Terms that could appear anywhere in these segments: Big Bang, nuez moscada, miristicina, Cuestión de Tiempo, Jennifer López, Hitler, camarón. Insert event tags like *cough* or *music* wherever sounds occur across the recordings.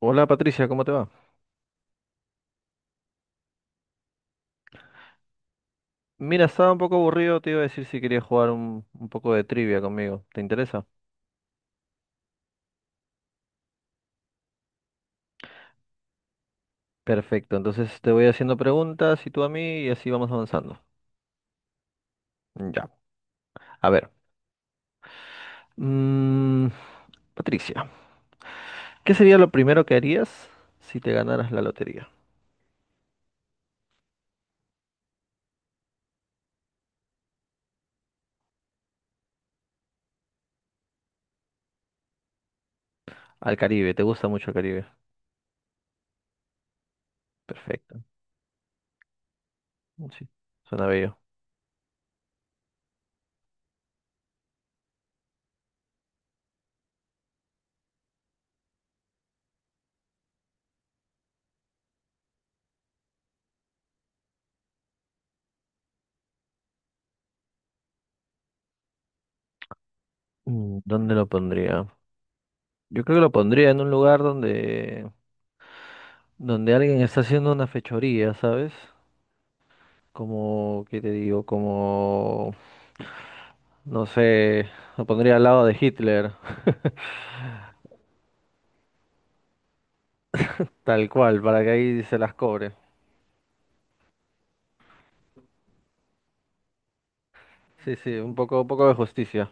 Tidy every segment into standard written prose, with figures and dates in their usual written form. Hola Patricia, ¿cómo te va? Mira, estaba un poco aburrido, te iba a decir si querías jugar un poco de trivia conmigo. ¿Te interesa? Perfecto, entonces te voy haciendo preguntas y tú a mí y así vamos avanzando. Ya, a ver. mm, Patricia, ¿qué sería lo primero que harías si te ganaras la lotería? Al Caribe, ¿te gusta mucho el Caribe? Perfecto, sí, suena bello. ¿Dónde lo pondría? Yo creo que lo pondría en un lugar donde alguien está haciendo una fechoría, ¿sabes? Como, ¿qué te digo? Como, no sé, lo pondría al lado de Hitler, tal cual, para que ahí se las cobre. Sí, sí, un poco de justicia.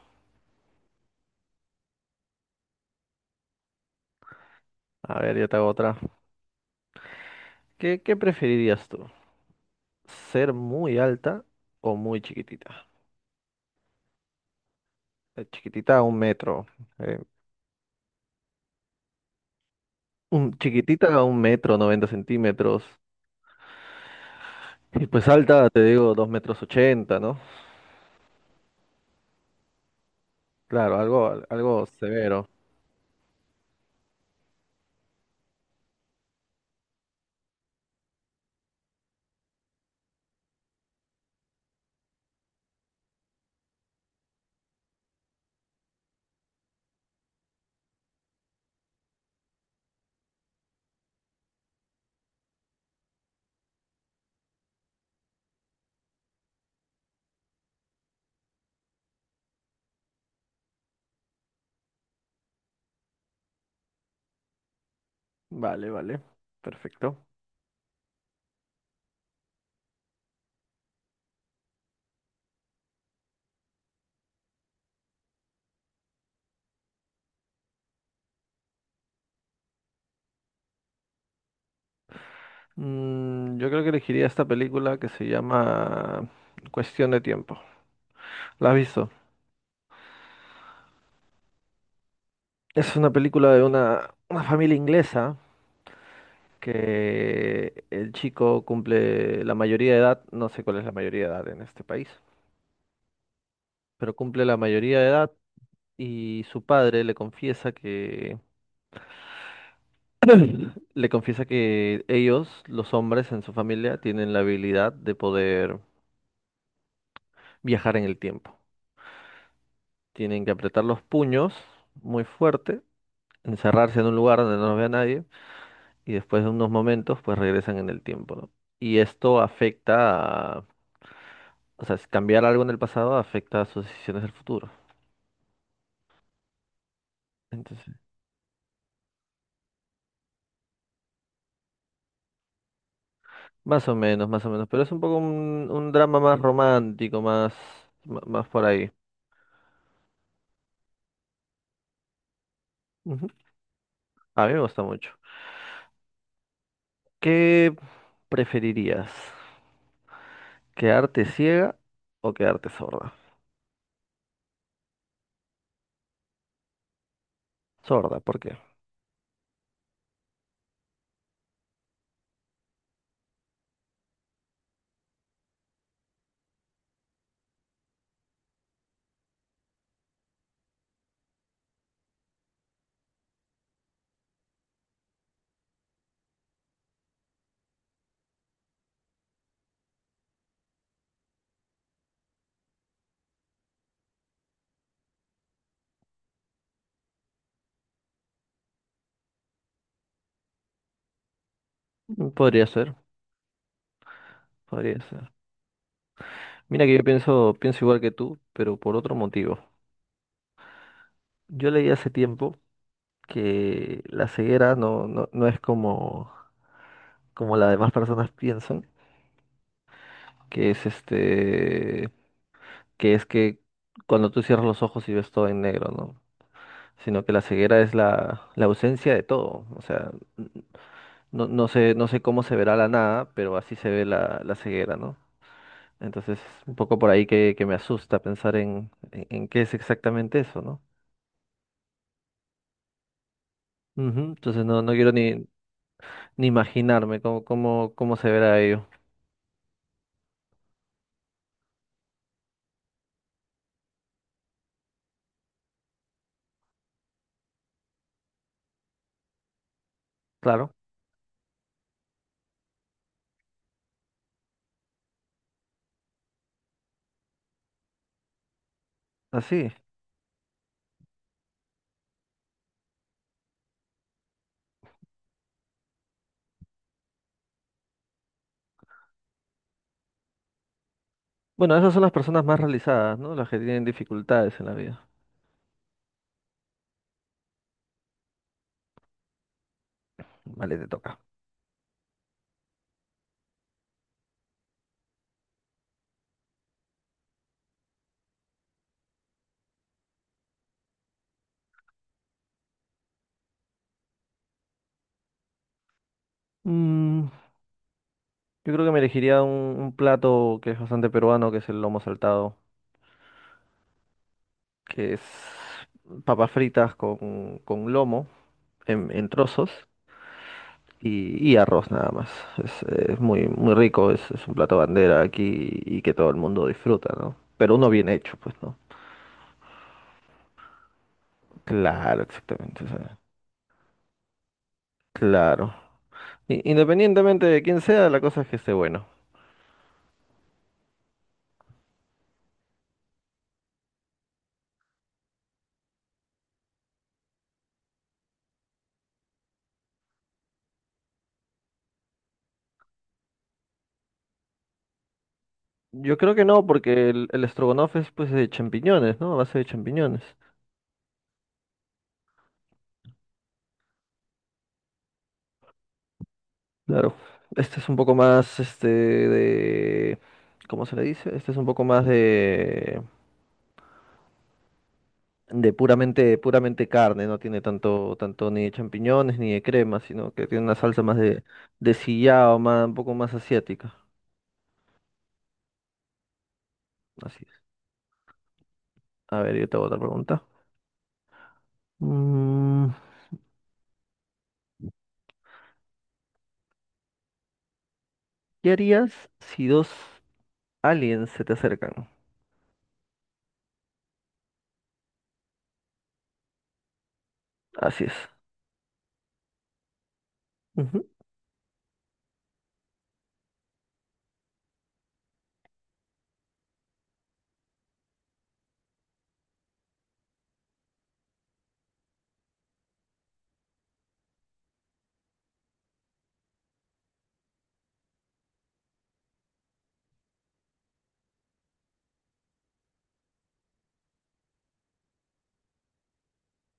A ver, yo te hago otra. ¿Qué preferirías tú? ¿Ser muy alta o muy chiquitita? Chiquitita a 1 metro. eh, chiquitita a un metro, 90 centímetros. Y pues alta, te digo, 2 metros 80, ¿no? Claro, algo severo. Vale, vale. Perfecto. Yo creo que elegiría esta película que se llama Cuestión de Tiempo. ¿La has visto? Es una película de una familia inglesa que el chico cumple la mayoría de edad, no sé cuál es la mayoría de edad en este país, pero cumple la mayoría de edad y su padre le confiesa que *coughs* *clears throat* le confiesa que ellos, los hombres en su familia, tienen la habilidad de poder viajar en el tiempo. Tienen que apretar los puños muy fuerte, encerrarse en un lugar donde no nos vea nadie y después de unos momentos pues regresan en el tiempo, ¿no? Y esto afecta a, o sea, si cambiar algo en el pasado afecta a sus decisiones del futuro. Entonces, más o menos, pero es un poco un drama más romántico, más, más por ahí. Ujú. A mí me gusta mucho. ¿Qué preferirías? ¿Quedarte ciega o quedarte sorda? Sorda, ¿por qué? Podría ser, podría ser. Mira que yo pienso igual que tú, pero por otro motivo. Yo leí hace tiempo que la ceguera no es como las demás personas piensan, que es este, que es que cuando tú cierras los ojos y ves todo en negro, ¿no? Sino que la ceguera es la ausencia de todo. O sea, n- no, no sé, no sé cómo se verá la nada, pero así se ve la ceguera, ¿no? Entonces, un poco por ahí que me asusta pensar en qué es exactamente eso, ¿no? Ujú. Entonces no quiero ni imaginarme cómo se verá ello. Claro, así es. Bueno, esas son las personas más realizadas, ¿no? Las que tienen dificultades en la vida. Vale, te toca. Mm, yo creo que me elegiría un plato que es bastante peruano, que es el lomo saltado, que es papas fritas con lomo en trozos y arroz nada más. Es muy, muy rico, es un plato bandera aquí y que todo el mundo disfruta, ¿no? Pero uno bien hecho, pues, ¿no? Claro, exactamente. O sea, claro. Independientemente de quién sea, la cosa es que esté bueno. Yo creo que no, porque el estrogonoff es pues de champiñones, ¿no? A base de champiñones. Claro. Este es un poco más, de, ¿cómo se le dice? Este es un poco más de puramente, puramente carne, no tiene tanto, tanto ni de champiñones ni de crema, sino que tiene una salsa más de sillao, más, un poco más asiática. Así es. A ver, yo te hago otra pregunta. Mm, ¿Qué harías si dos aliens se te acercan? Así es. Ujú.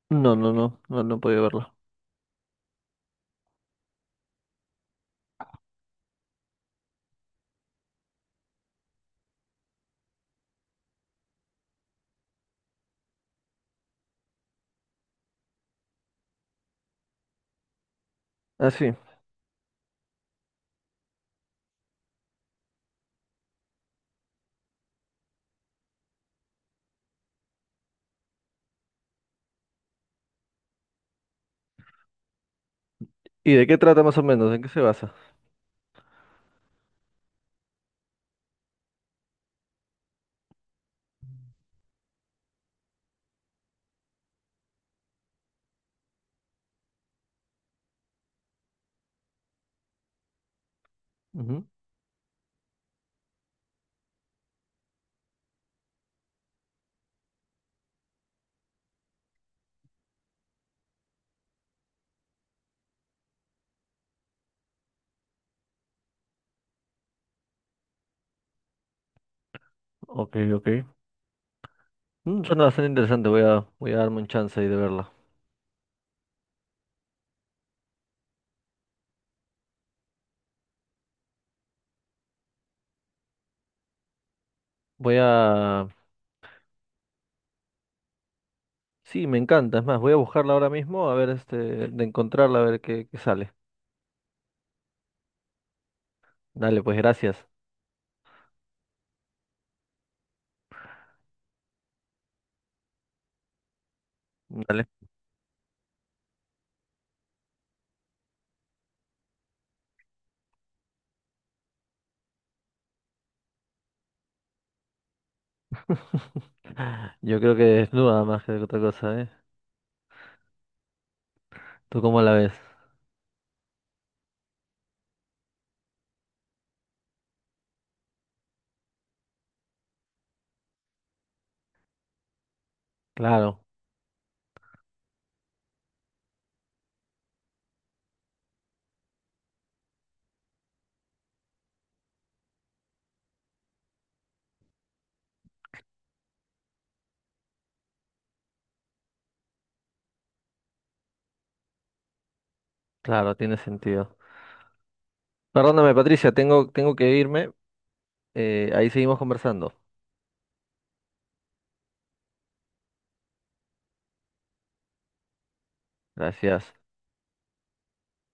No, no, no, no, no he podido verlo. Ah, sí. ¿Y de qué trata más o menos? ¿En qué se basa? Ujú. Ok, ok. Suena bastante interesante, voy a darme un chance ahí de verla. Voy a. Sí, me encanta, es más, voy a buscarla ahora mismo, a ver, de encontrarla, a ver qué sale. Dale, pues gracias. Dale. *laughs* Yo creo que desnuda más que otra cosa, ¿eh? ¿Tú cómo la ves? Claro, claro, tiene sentido. Perdóname, Patricia, tengo que irme. Ahí seguimos conversando. Gracias.